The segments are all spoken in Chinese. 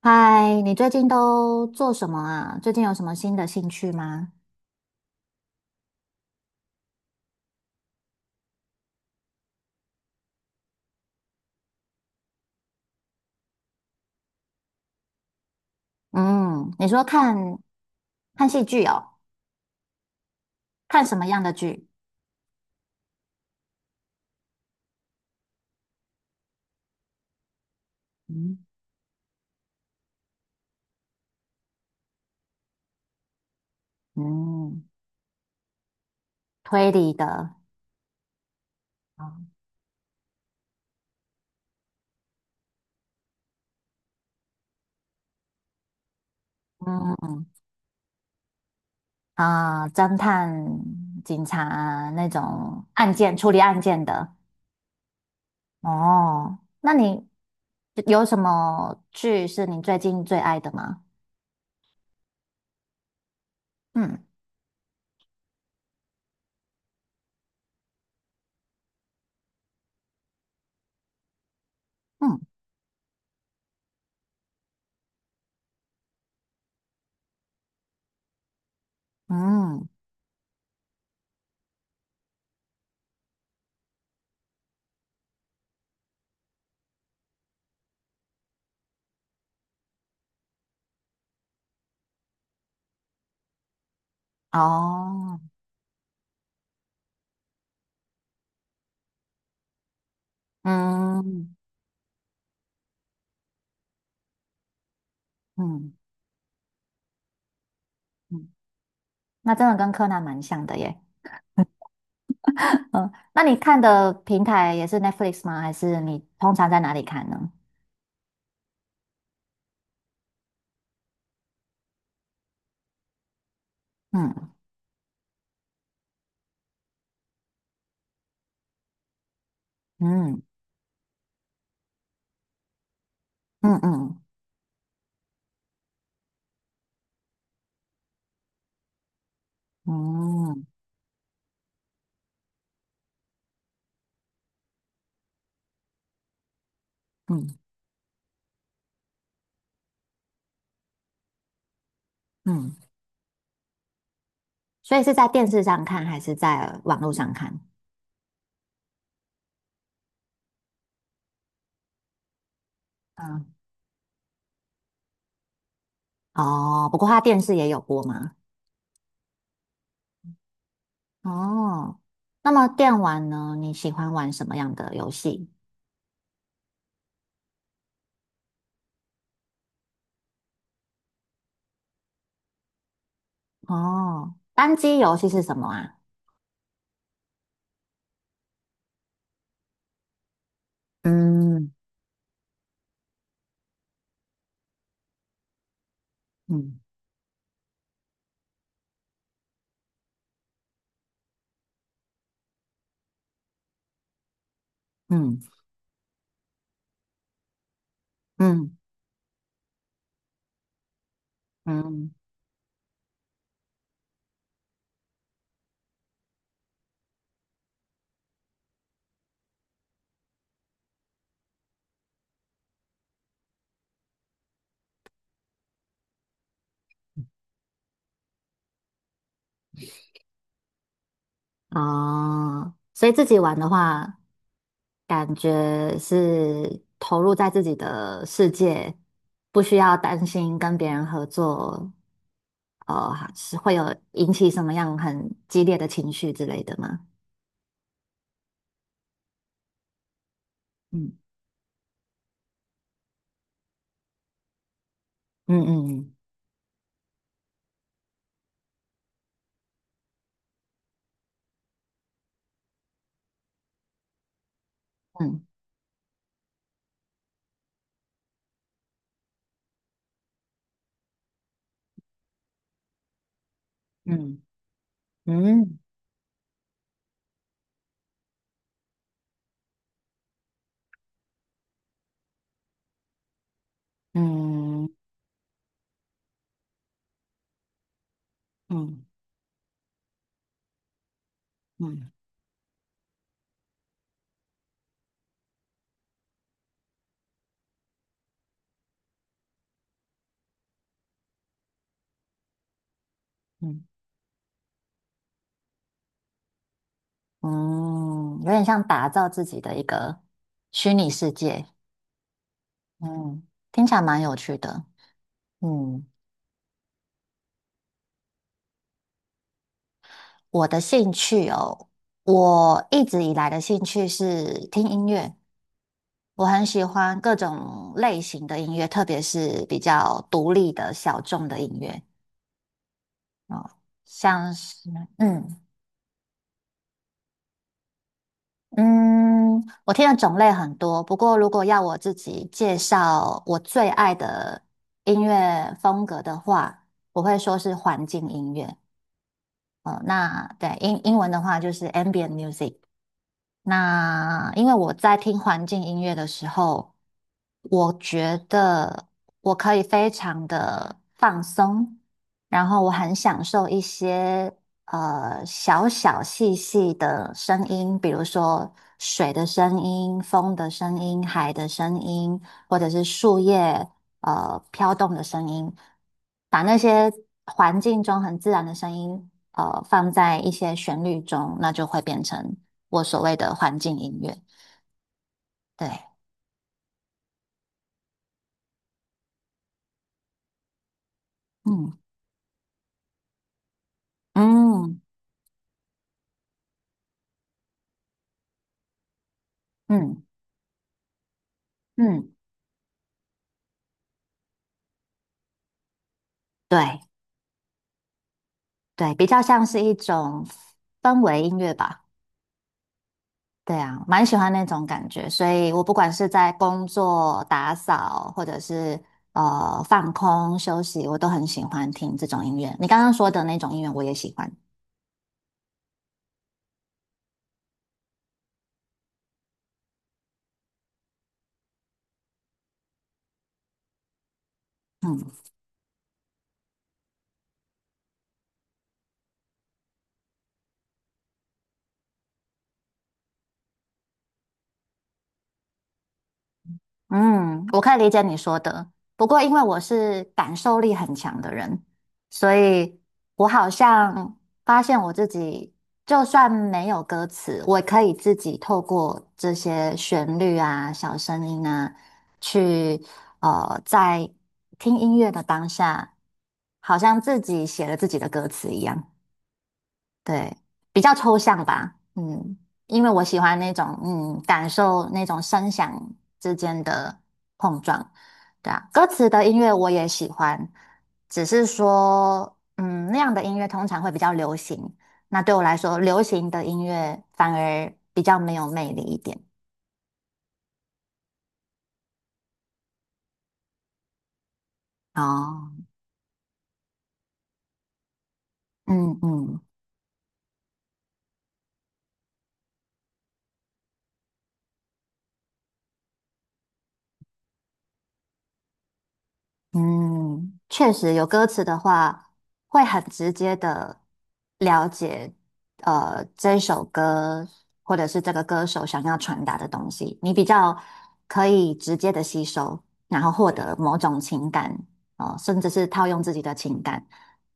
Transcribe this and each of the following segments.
嗨，你最近都做什么啊？最近有什么新的兴趣吗？嗯，你说看看戏剧哦，看什么样的剧？嗯，嗯，推理的，嗯嗯啊，侦探、警察啊那种案件处理案件的。哦，那你有什么剧是你最近最爱的吗？嗯嗯嗯，哦，嗯嗯。嗯那真的跟柯南蛮像的耶。嗯，那你看的平台也是 Netflix 吗？还是你通常在哪里看呢？嗯嗯嗯嗯嗯嗯嗯，所以是在电视上看还是在网络上看？嗯，哦，不过它电视也有播吗？哦，那么电玩呢？你喜欢玩什么样的游戏？哦，单机游戏是什么啊？嗯嗯嗯嗯嗯，哦，所以自己玩的话，感觉是投入在自己的世界，不需要担心跟别人合作，是会有引起什么样很激烈的情绪之类的吗？嗯嗯嗯嗯嗯嗯嗯嗯嗯嗯，有点像打造自己的一个虚拟世界，嗯，听起来蛮有趣的，嗯，我的兴趣哦。我一直以来的兴趣是听音乐，我很喜欢各种类型的音乐，特别是比较独立的小众的音乐哦，像是嗯嗯，我听的种类很多。不过，如果要我自己介绍我最爱的音乐风格的话，我会说是环境音乐。哦，那对英文的话就是 ambient music。那因为我在听环境音乐的时候，我觉得我可以非常的放松，然后我很享受一些小小细细的声音，比如说水的声音、风的声音、海的声音，或者是树叶飘动的声音，把那些环境中很自然的声音放在一些旋律中，那就会变成。我所谓的环境音乐。对，嗯嗯嗯嗯，对对，比较像是一种氛围音乐吧。对啊，蛮喜欢那种感觉，所以我不管是在工作、打扫，或者是放空休息，我都很喜欢听这种音乐。你刚刚说的那种音乐，我也喜欢。嗯。嗯，我可以理解你说的。不过，因为我是感受力很强的人，所以我好像发现我自己，就算没有歌词，我也可以自己透过这些旋律啊、小声音啊，去在听音乐的当下，好像自己写了自己的歌词一样。对，比较抽象吧，嗯，因为我喜欢那种，嗯，感受那种声响之间的碰撞，对啊，歌词的音乐我也喜欢，只是说，嗯，那样的音乐通常会比较流行，那对我来说，流行的音乐反而比较没有魅力一点。哦，嗯嗯。嗯，确实有歌词的话，会很直接的了解，这首歌或者是这个歌手想要传达的东西，你比较可以直接的吸收，然后获得某种情感，哦、甚至是套用自己的情感，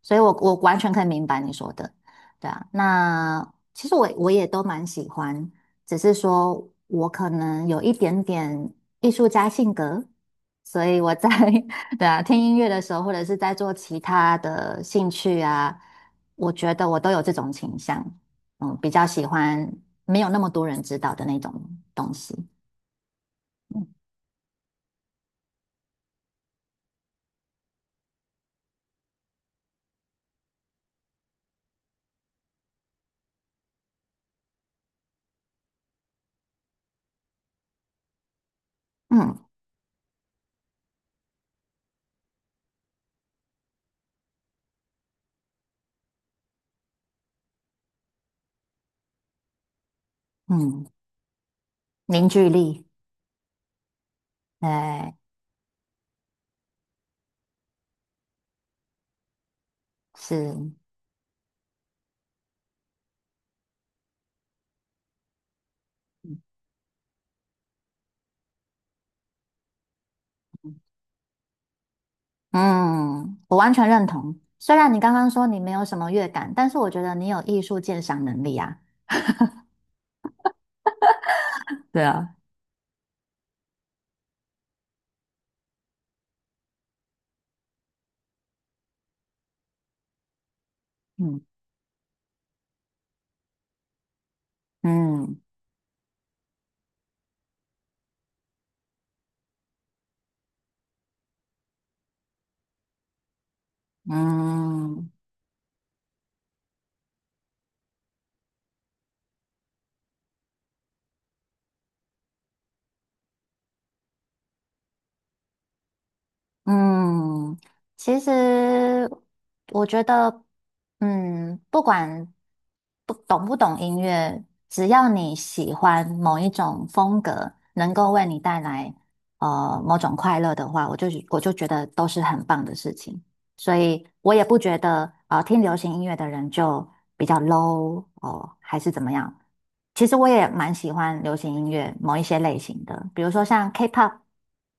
所以我完全可以明白你说的，对啊，那其实我也都蛮喜欢，只是说我可能有一点点艺术家性格。所以我在 对啊，听音乐的时候，或者是在做其他的兴趣啊，我觉得我都有这种倾向，嗯，比较喜欢没有那么多人知道的那种东西，嗯嗯，凝聚力，对，是，嗯，我完全认同。虽然你刚刚说你没有什么乐感，但是我觉得你有艺术鉴赏能力啊。对啊，嗯嗯嗯。嗯，其实我觉得，嗯，不管不懂音乐，只要你喜欢某一种风格，能够为你带来某种快乐的话，我就觉得都是很棒的事情。所以我也不觉得听流行音乐的人就比较 low 哦，还是怎么样。其实我也蛮喜欢流行音乐某一些类型的，比如说像 K-pop，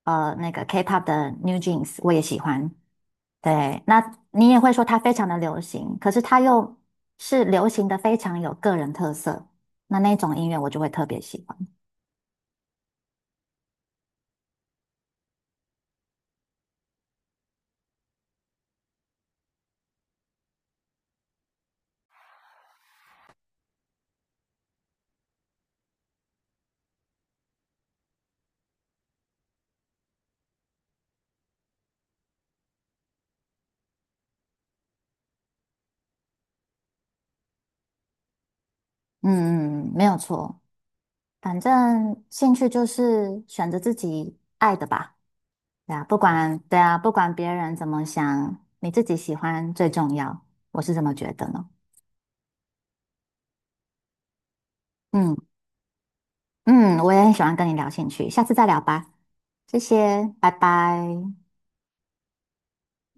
那个 K-pop 的 New Jeans 我也喜欢。对，那你也会说它非常的流行，可是它又是流行的非常有个人特色，那那种音乐我就会特别喜欢。嗯嗯，嗯没有错。反正兴趣就是选择自己爱的吧，对啊，不管，对啊，不管别人怎么想，你自己喜欢最重要，我是这么觉得呢。嗯嗯，我也很喜欢跟你聊兴趣，下次再聊吧，谢谢，拜拜。